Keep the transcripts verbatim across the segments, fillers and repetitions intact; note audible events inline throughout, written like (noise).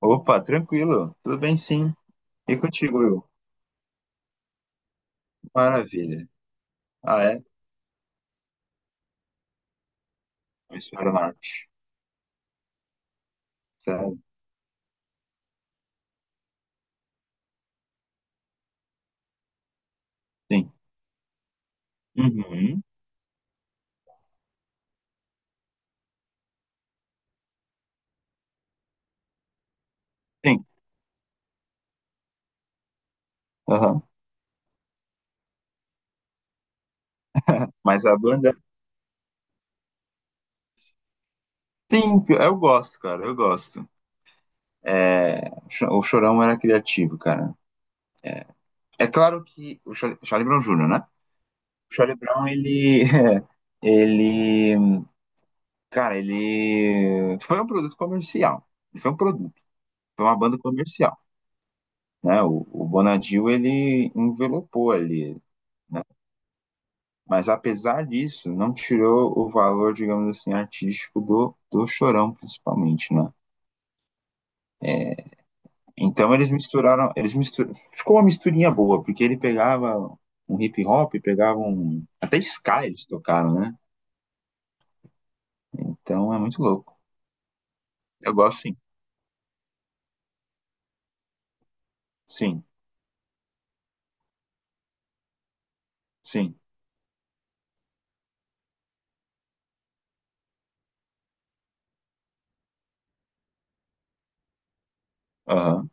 Opa, tranquilo. Tudo bem, sim. E contigo, Will? Maravilha. Ah, é? Eu espero na arte. Sério? Sim. Uhum. Sim. Aham. (laughs) Mas a banda. Sim, eu gosto, cara. Eu gosto. É, o Chorão era criativo, cara. É, é claro que. O Char- Charlie Brown júnior, né? O Charlie Brown, ele. (laughs) Ele. Cara, ele. Foi um produto comercial. Ele foi um produto. Foi uma banda comercial. Né? O, o Bonadil, ele envelopou ali. Né? Mas apesar disso, não tirou o valor, digamos assim, artístico do, do Chorão, principalmente, né? É, então eles misturaram, eles mistur... ficou uma misturinha boa, porque ele pegava um hip hop, pegava um até ska eles tocaram, né? Então é muito louco. Eu gosto sim. Sim. Sim. Aham.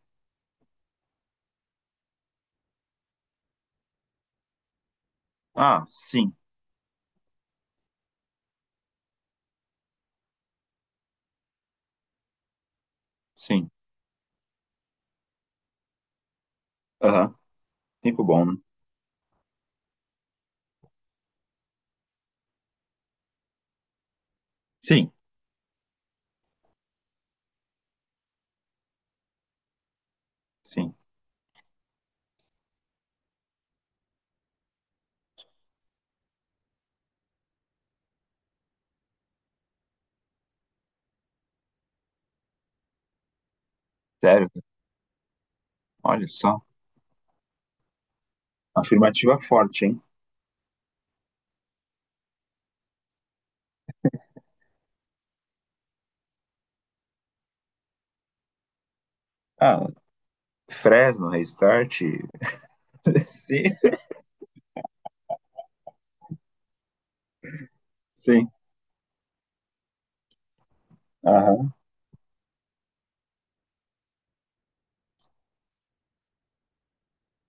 Ah, sim. Sim. Aham. Tempo bom, né? Sim. Sim. Sério. Olha só. Afirmativa forte, hein? Ah, Fresno, Restart. (laughs) Sim. Sim. Aham.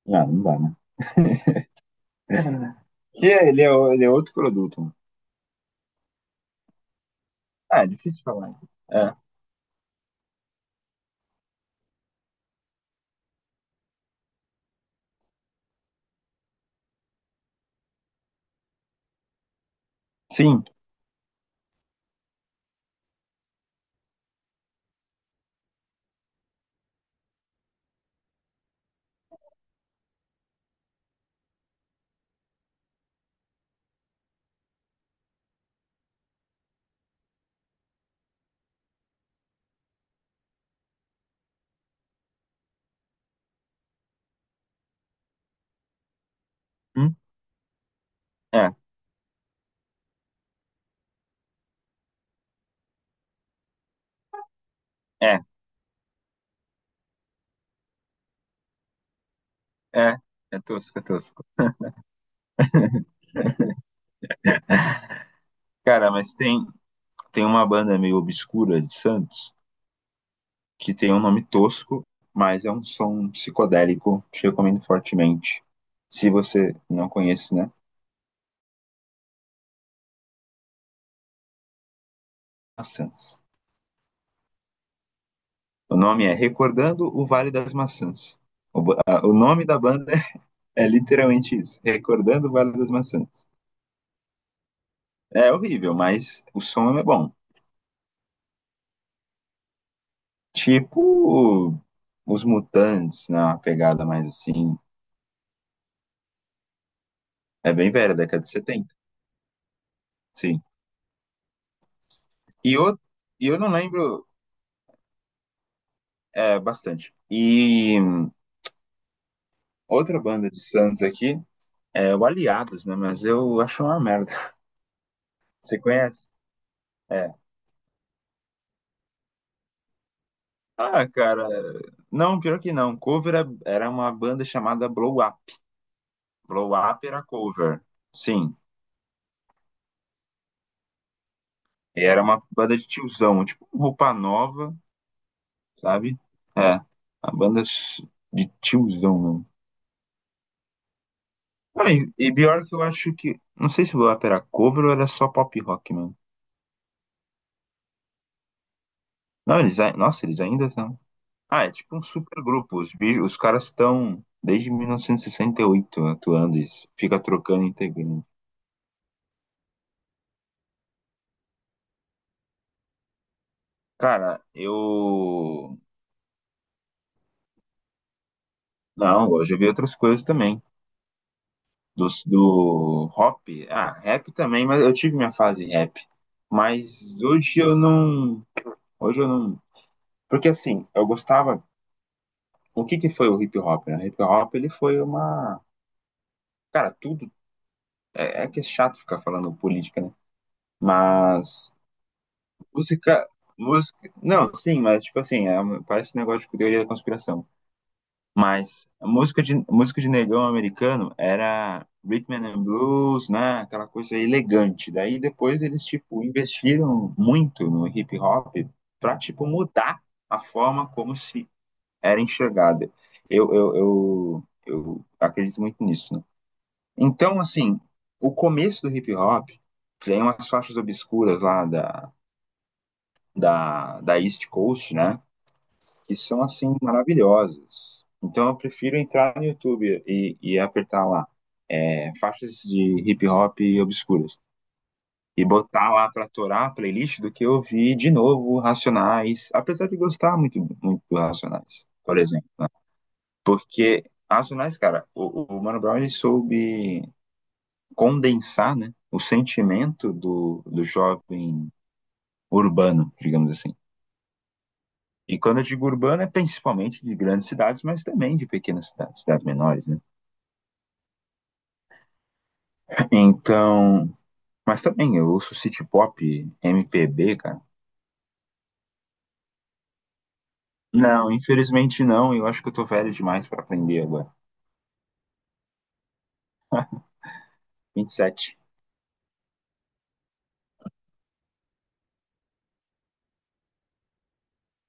Ah, não dá, né? (laughs) Que é- ele é, o- ele é outro produto, mano. Ah, é difícil falar. É. Sim. Hum? É, é, é. É tosco, é tosco. Cara, mas tem, tem uma banda meio obscura de Santos que tem um nome tosco, mas é um som psicodélico que eu recomendo fortemente. Se você não conhece, né? Maçãs. O nome é Recordando o Vale das Maçãs. O, ba- a- o nome da banda (laughs) é literalmente isso. Recordando o Vale das Maçãs. É horrível, mas o som é bom. Tipo os Mutantes, né? Uma pegada mais assim. É bem velha, década de setenta. Sim. E eu e eu não lembro é, bastante. E hum, outra banda de Santos aqui é o Aliados, né? Mas eu acho uma merda. (laughs) Você conhece? É. Ah, cara. Não, pior que não. Cover é- era uma banda chamada Blow Up. Blow Up era cover. Sim. E era uma banda de tiozão, tipo um Roupa Nova. Sabe? É, a banda s- de tiozão, mano. Ah, e, e pior que eu acho que. Não sei se o Blap era cover ou era só pop rock, mano. Não, eles. ai- Nossa, eles ainda estão. Ah, é tipo um super grupo. Os, bi- os caras estão desde mil novecentos e e sessenta e oito atuando isso. Fica trocando integrante. Cara, eu. Não, eu já vi outras coisas também. Do, do rap. Ah, rap também, mas eu tive minha fase rap. Mas hoje eu não. Hoje eu não. Porque assim, eu gostava. O que que foi o hip hop, né? O hip hop ele foi uma. Cara, tudo. É, é que é chato ficar falando política, né? Mas. Música. Música. Não, sim, mas tipo assim, é, um- parece um negócio de teoria da conspiração. Mas a música de, música de negão americano era rhythm and blues, né? Aquela coisa elegante. Daí depois eles, tipo, investiram muito no hip hop pra, tipo, mudar a forma como se era enxergada. Eu, eu, eu, eu acredito muito nisso, né? Então, assim, o começo do hip hop tem umas faixas obscuras lá da, da, da East Coast, né? Que são, assim, maravilhosas. Então, eu prefiro entrar no YouTube e, e apertar lá é, faixas de hip hop obscuras e botar lá para torar a playlist do que eu vi de novo Racionais, apesar de gostar muito, muito do Racionais, por exemplo, né? Porque as Racionais, cara, o, o, Mano Brown ele soube condensar, né, o sentimento do, do jovem urbano, digamos assim. E quando eu digo urbano, é principalmente de grandes cidades, mas também de pequenas cidades, cidades menores, né? Então, mas também eu ouço city pop, M P B, cara. Não, infelizmente não, eu acho que eu tô velho demais pra aprender agora. Vinte e sete.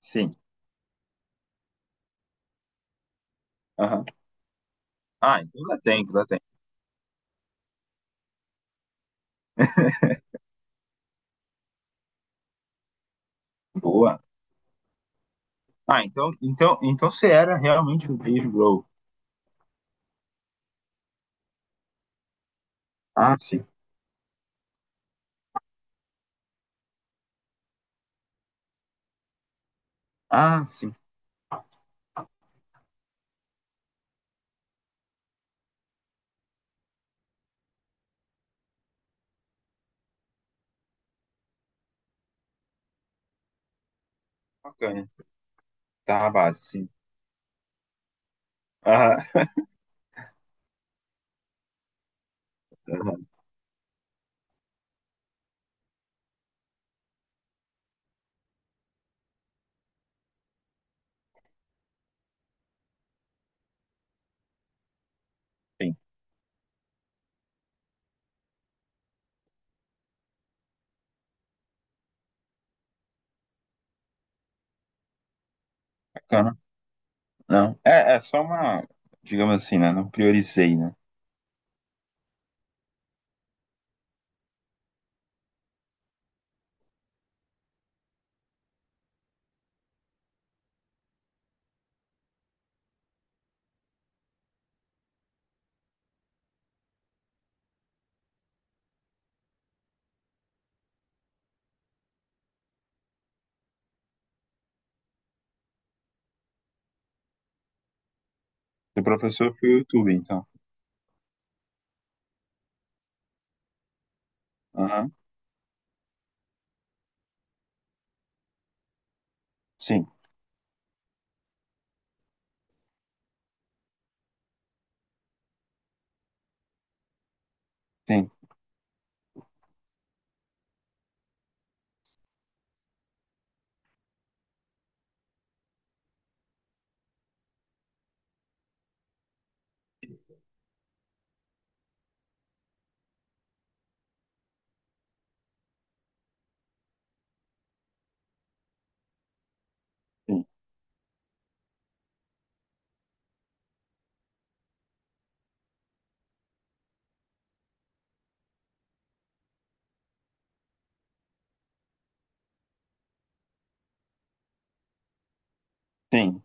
Sim. Aham. Ah, então dá tempo, dá tempo. Boa. Ah, então, então, então você era realmente o Dave Grohl. Ah, sim. Ah, sim. Bacana. Tá a base, sim. Ah, (laughs) aham, sim, bacana. Não. É, é só uma, digamos assim, né? Não priorizei, né? O professor foi o YouTube, então. Aham. Sim, sim, sim, sim.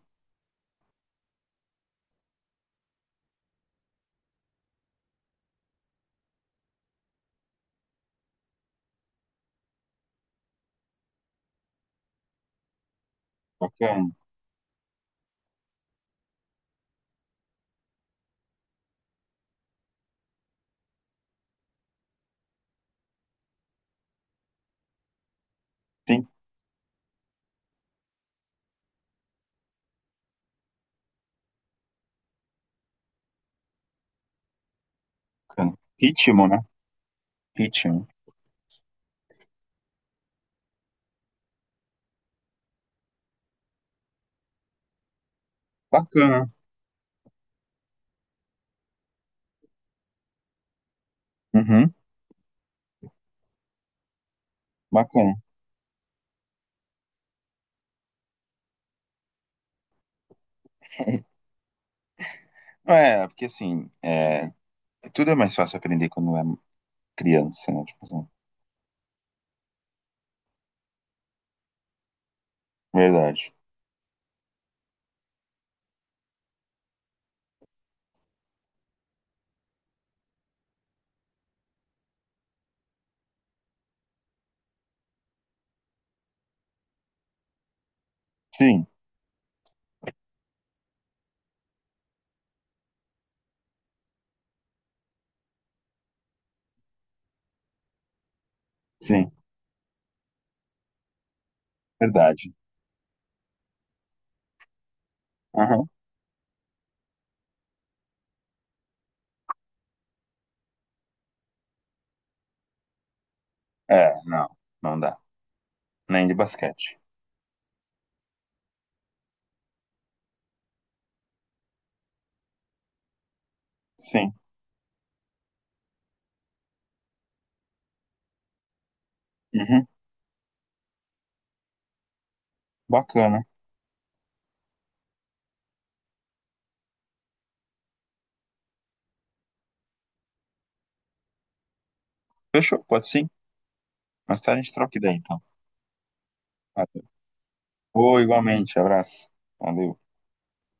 Bacana. Sim, bacana. Ritmo, né? Ritmo. Bacana. Uhum. Bacana. É, porque assim, é, tudo é mais fácil aprender quando é criança, né? Tipo assim, verdade. Sim, sim, verdade. Aham. É, não, não dá. Nem de basquete. Sim. Uhum. Bacana. Fechou? Pode sim? Mais tarde a gente troca ideia, então. Valeu. Ô, igualmente. Abraço. Valeu.